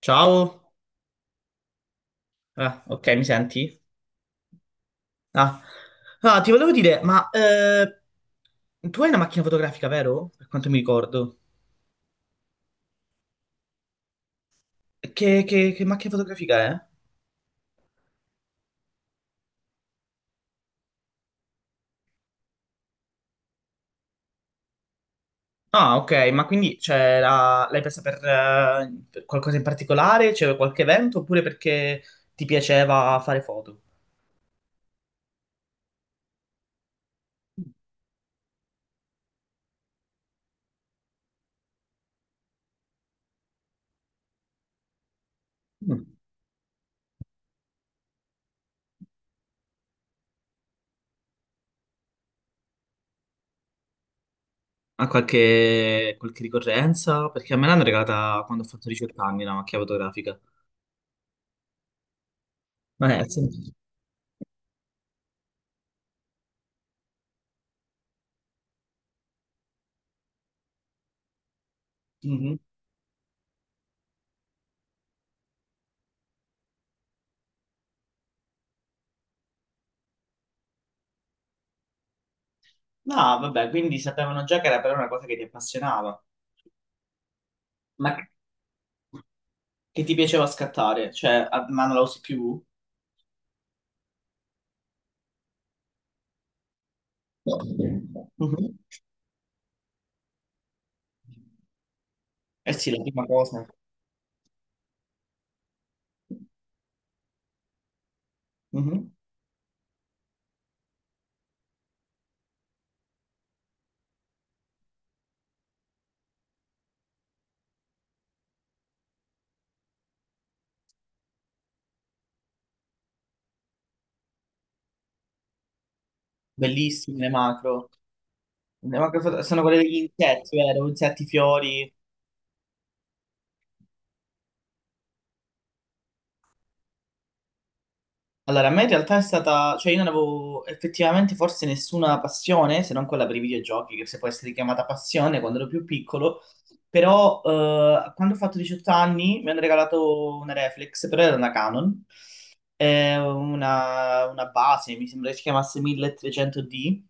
Ciao. Ok, mi senti? Ah. Ah, ti volevo dire, ma tu hai una macchina fotografica, vero? Per quanto mi ricordo. Che, che macchina fotografica è? Ok, ma quindi cioè, l'hai presa per qualcosa in particolare? C'era qualche evento oppure perché ti piaceva fare foto? Mm. Ha qualche ricorrenza? Perché a me l'hanno regalata quando ho fatto 18 anni la macchina fotografica. Ma è, sì. Mm-hmm. No, vabbè, quindi sapevano già che era però una cosa che ti appassionava, ma che ti piaceva scattare, cioè, ma non la usi più? Mhm. Eh sì, la prima cosa. Mhm. Bellissime le macro. Le sono quelle degli insetti, vero? Insetti, fiori. Allora, a me in realtà è stata... Cioè, io non avevo effettivamente forse nessuna passione, se non quella per i videogiochi, che se può essere chiamata passione quando ero più piccolo. Però quando ho fatto 18 anni mi hanno regalato una reflex, però era una Canon. È una base, mi sembra che si chiamasse 1300D,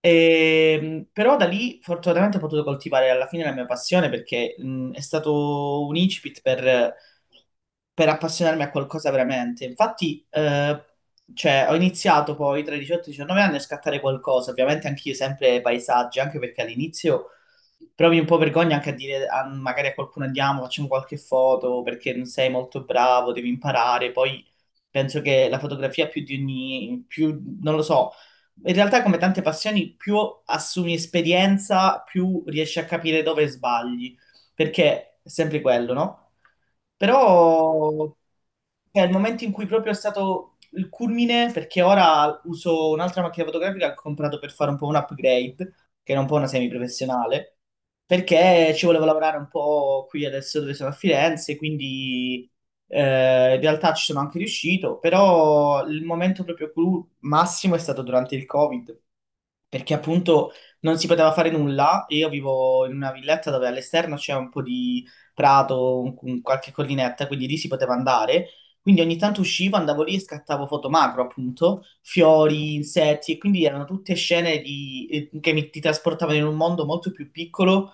e, però da lì fortunatamente ho potuto coltivare alla fine la mia passione perché è stato un incipit per appassionarmi a qualcosa veramente. Infatti, cioè, ho iniziato poi tra i 18 e i 19 anni a scattare qualcosa, ovviamente anch'io sempre paesaggi, anche perché all'inizio provi un po' vergogna anche a dire magari a qualcuno andiamo, facciamo qualche foto perché non sei molto bravo, devi imparare. Poi penso che la fotografia più di ogni, più, non lo so, in realtà, come tante passioni, più assumi esperienza, più riesci a capire dove sbagli, perché è sempre quello, no? Però è il momento in cui proprio è stato il culmine, perché ora uso un'altra macchina fotografica che ho comprato per fare un po' un upgrade, che era un po' una semiprofessionale, perché ci volevo lavorare un po' qui adesso dove sono a Firenze, quindi in realtà ci sono anche riuscito, però il momento proprio clou massimo è stato durante il Covid perché appunto non si poteva fare nulla e io vivo in una villetta dove all'esterno c'è un po' di prato, qualche collinetta, quindi lì si poteva andare. Quindi ogni tanto uscivo, andavo lì e scattavo foto macro, appunto, fiori, insetti, e quindi erano tutte scene che mi, ti trasportavano in un mondo molto più piccolo,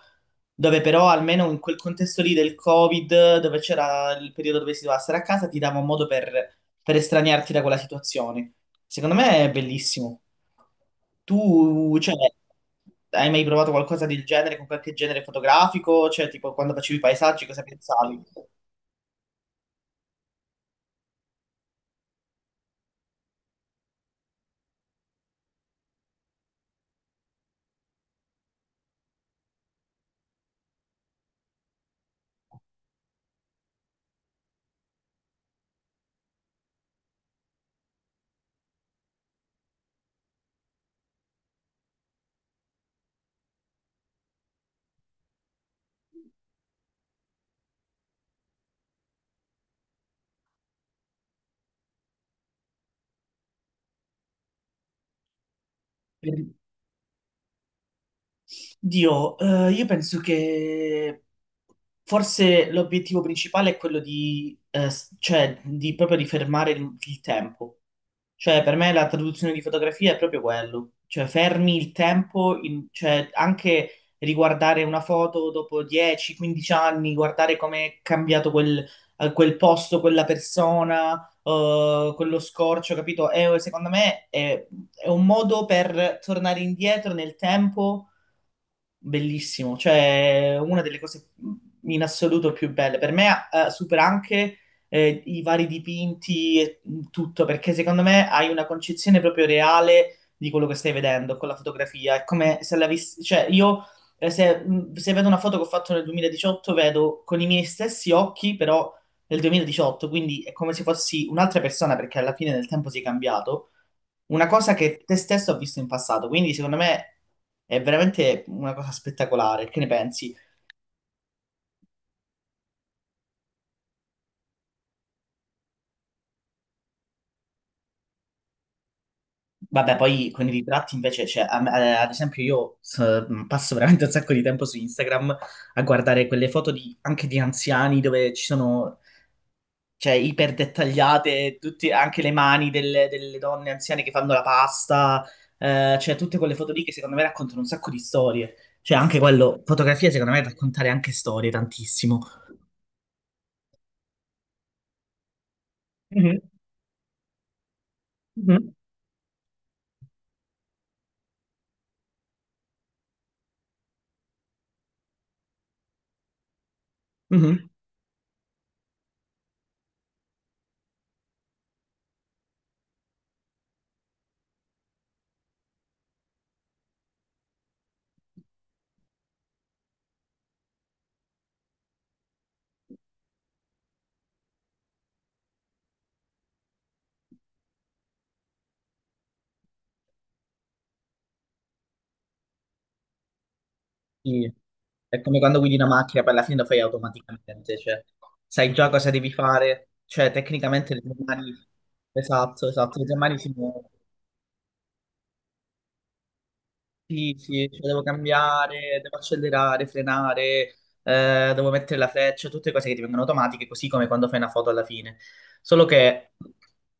dove però almeno in quel contesto lì del Covid, dove c'era il periodo dove si doveva stare a casa, ti dava un modo per estraniarti da quella situazione. Secondo me è bellissimo. Tu, cioè, hai mai provato qualcosa del genere con qualche genere fotografico? Cioè, tipo, quando facevi i paesaggi, cosa pensavi? Per- Dio, io penso che forse l'obiettivo principale è quello di, cioè, di proprio di fermare il tempo. Cioè, per me la traduzione di fotografia è proprio quello. Cioè, fermi il tempo, cioè, anche riguardare una foto dopo 10-15 anni, guardare come è cambiato quel, quel posto, quella persona, quello scorcio, capito? Secondo me è un modo per tornare indietro nel tempo. Bellissimo, cioè una delle cose in assoluto più belle. Per me supera anche i vari dipinti e tutto, perché secondo me hai una concezione proprio reale di quello che stai vedendo con la fotografia. È come se l'avessi, cioè io se vedo una foto che ho fatto nel 2018, vedo con i miei stessi occhi, però nel 2018, quindi è come se fossi un'altra persona, perché alla fine del tempo sei cambiato una cosa che te stesso ha visto in passato, quindi secondo me è veramente una cosa spettacolare. Che ne pensi? Vabbè, poi con i ritratti invece, cioè, ad esempio passo veramente un sacco di tempo su Instagram a guardare quelle foto anche di anziani dove ci sono, cioè, iper dettagliate, anche le mani delle donne anziane che fanno la pasta, cioè tutte quelle foto lì che secondo me raccontano un sacco di storie. Cioè, anche quello, fotografia secondo me raccontare anche storie tantissimo. Mhm, mhm. Mhm. Sì. È come quando guidi una macchina, poi alla fine lo fai automaticamente, cioè sai già cosa devi fare, cioè tecnicamente le tue mani, esatto, esatto, le tue mani si muovono. Sì, sì, cioè devo cambiare, devo accelerare, frenare, devo mettere la freccia, tutte cose che divengono automatiche, così come quando fai una foto alla fine. Solo che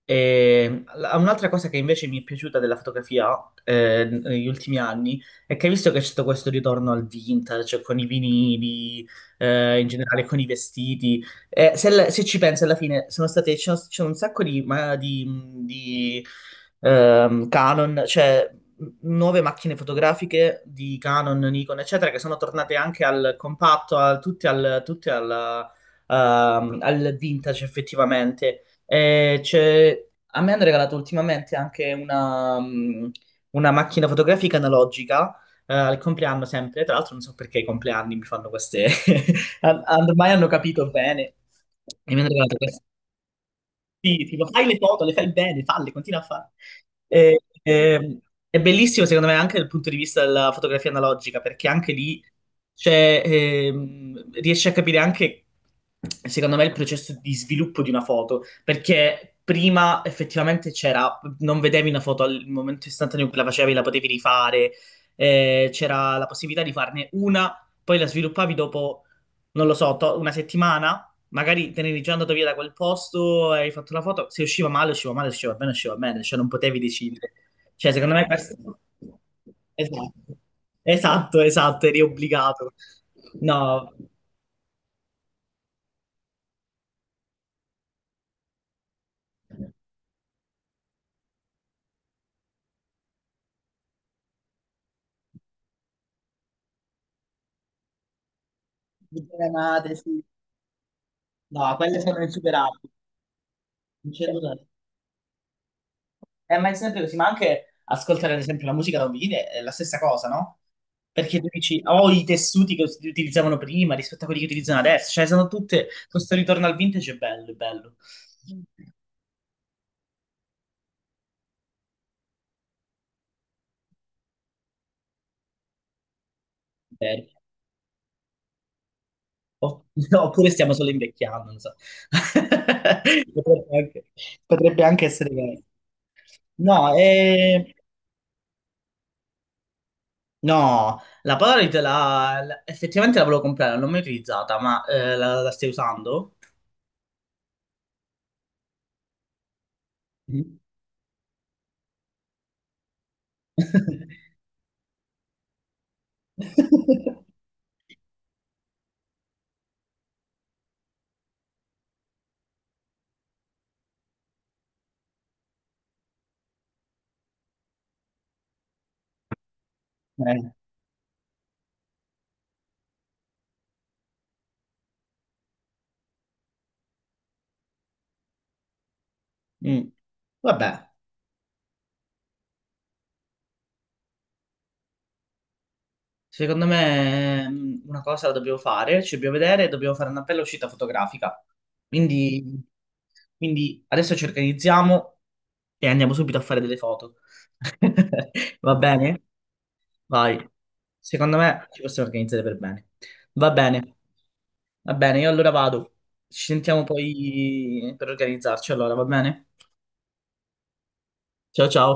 un'altra cosa che invece mi è piaciuta della fotografia negli ultimi anni è che hai visto che c'è stato questo ritorno al vintage, con i vinili, in generale con i vestiti. Se ci pensi alla fine, sono state, c'è un sacco di, di, Canon, cioè m- nuove macchine fotografiche di Canon, Nikon, eccetera, che sono tornate anche al compatto, tutte al vintage effettivamente. A me hanno regalato ultimamente anche una, una macchina fotografica analogica, al compleanno sempre, tra l'altro non so perché i compleanni mi fanno queste Ormai hanno capito bene. E mi hanno regalato questa, sì, tipo, fai le foto, le fai bene, falle, continua a fare. E- e- è bellissimo, secondo me, anche dal punto di vista della fotografia analogica, perché anche lì c'è, riesci a capire anche, secondo me, il processo di sviluppo di una foto, perché prima effettivamente c'era, non vedevi una foto al momento istantaneo in cui la facevi, la potevi rifare, c'era la possibilità di farne una, poi la sviluppavi dopo, non lo so, una settimana magari te ne eri già andato via da quel posto, hai fatto la foto, se usciva male, usciva male, se usciva bene, usciva bene, cioè non potevi decidere. Cioè, secondo me questo... Esatto, esatto, eri obbligato. No, diagramate, sì. No, quelle sono insuperabili. Non c'è nulla da- ma è sempre così, ma anche ascoltare ad esempio la musica da un vinile è la stessa cosa, no? Perché tu dici, ho i tessuti che si utilizzavano prima rispetto a quelli che utilizzano adesso, cioè sono tutte, questo ritorno al vintage è bello, è bello. Veri. O- Oppure stiamo solo invecchiando, non so. Potrebbe anche, potrebbe anche essere vero. No, eh, no, la Polaroid effettivamente la volevo comprare, non l'ho mai utilizzata, ma la, la stai usando? Mm. Eh, mm. Vabbè. Secondo me una cosa la dobbiamo fare, ci dobbiamo vedere, dobbiamo fare una bella uscita fotografica. Quindi, quindi adesso ci organizziamo e andiamo subito a fare delle foto. Va bene? Vai. Secondo me ci possiamo organizzare per bene. Va bene, va bene, io allora vado. Ci sentiamo poi per organizzarci allora, va bene? Ciao ciao.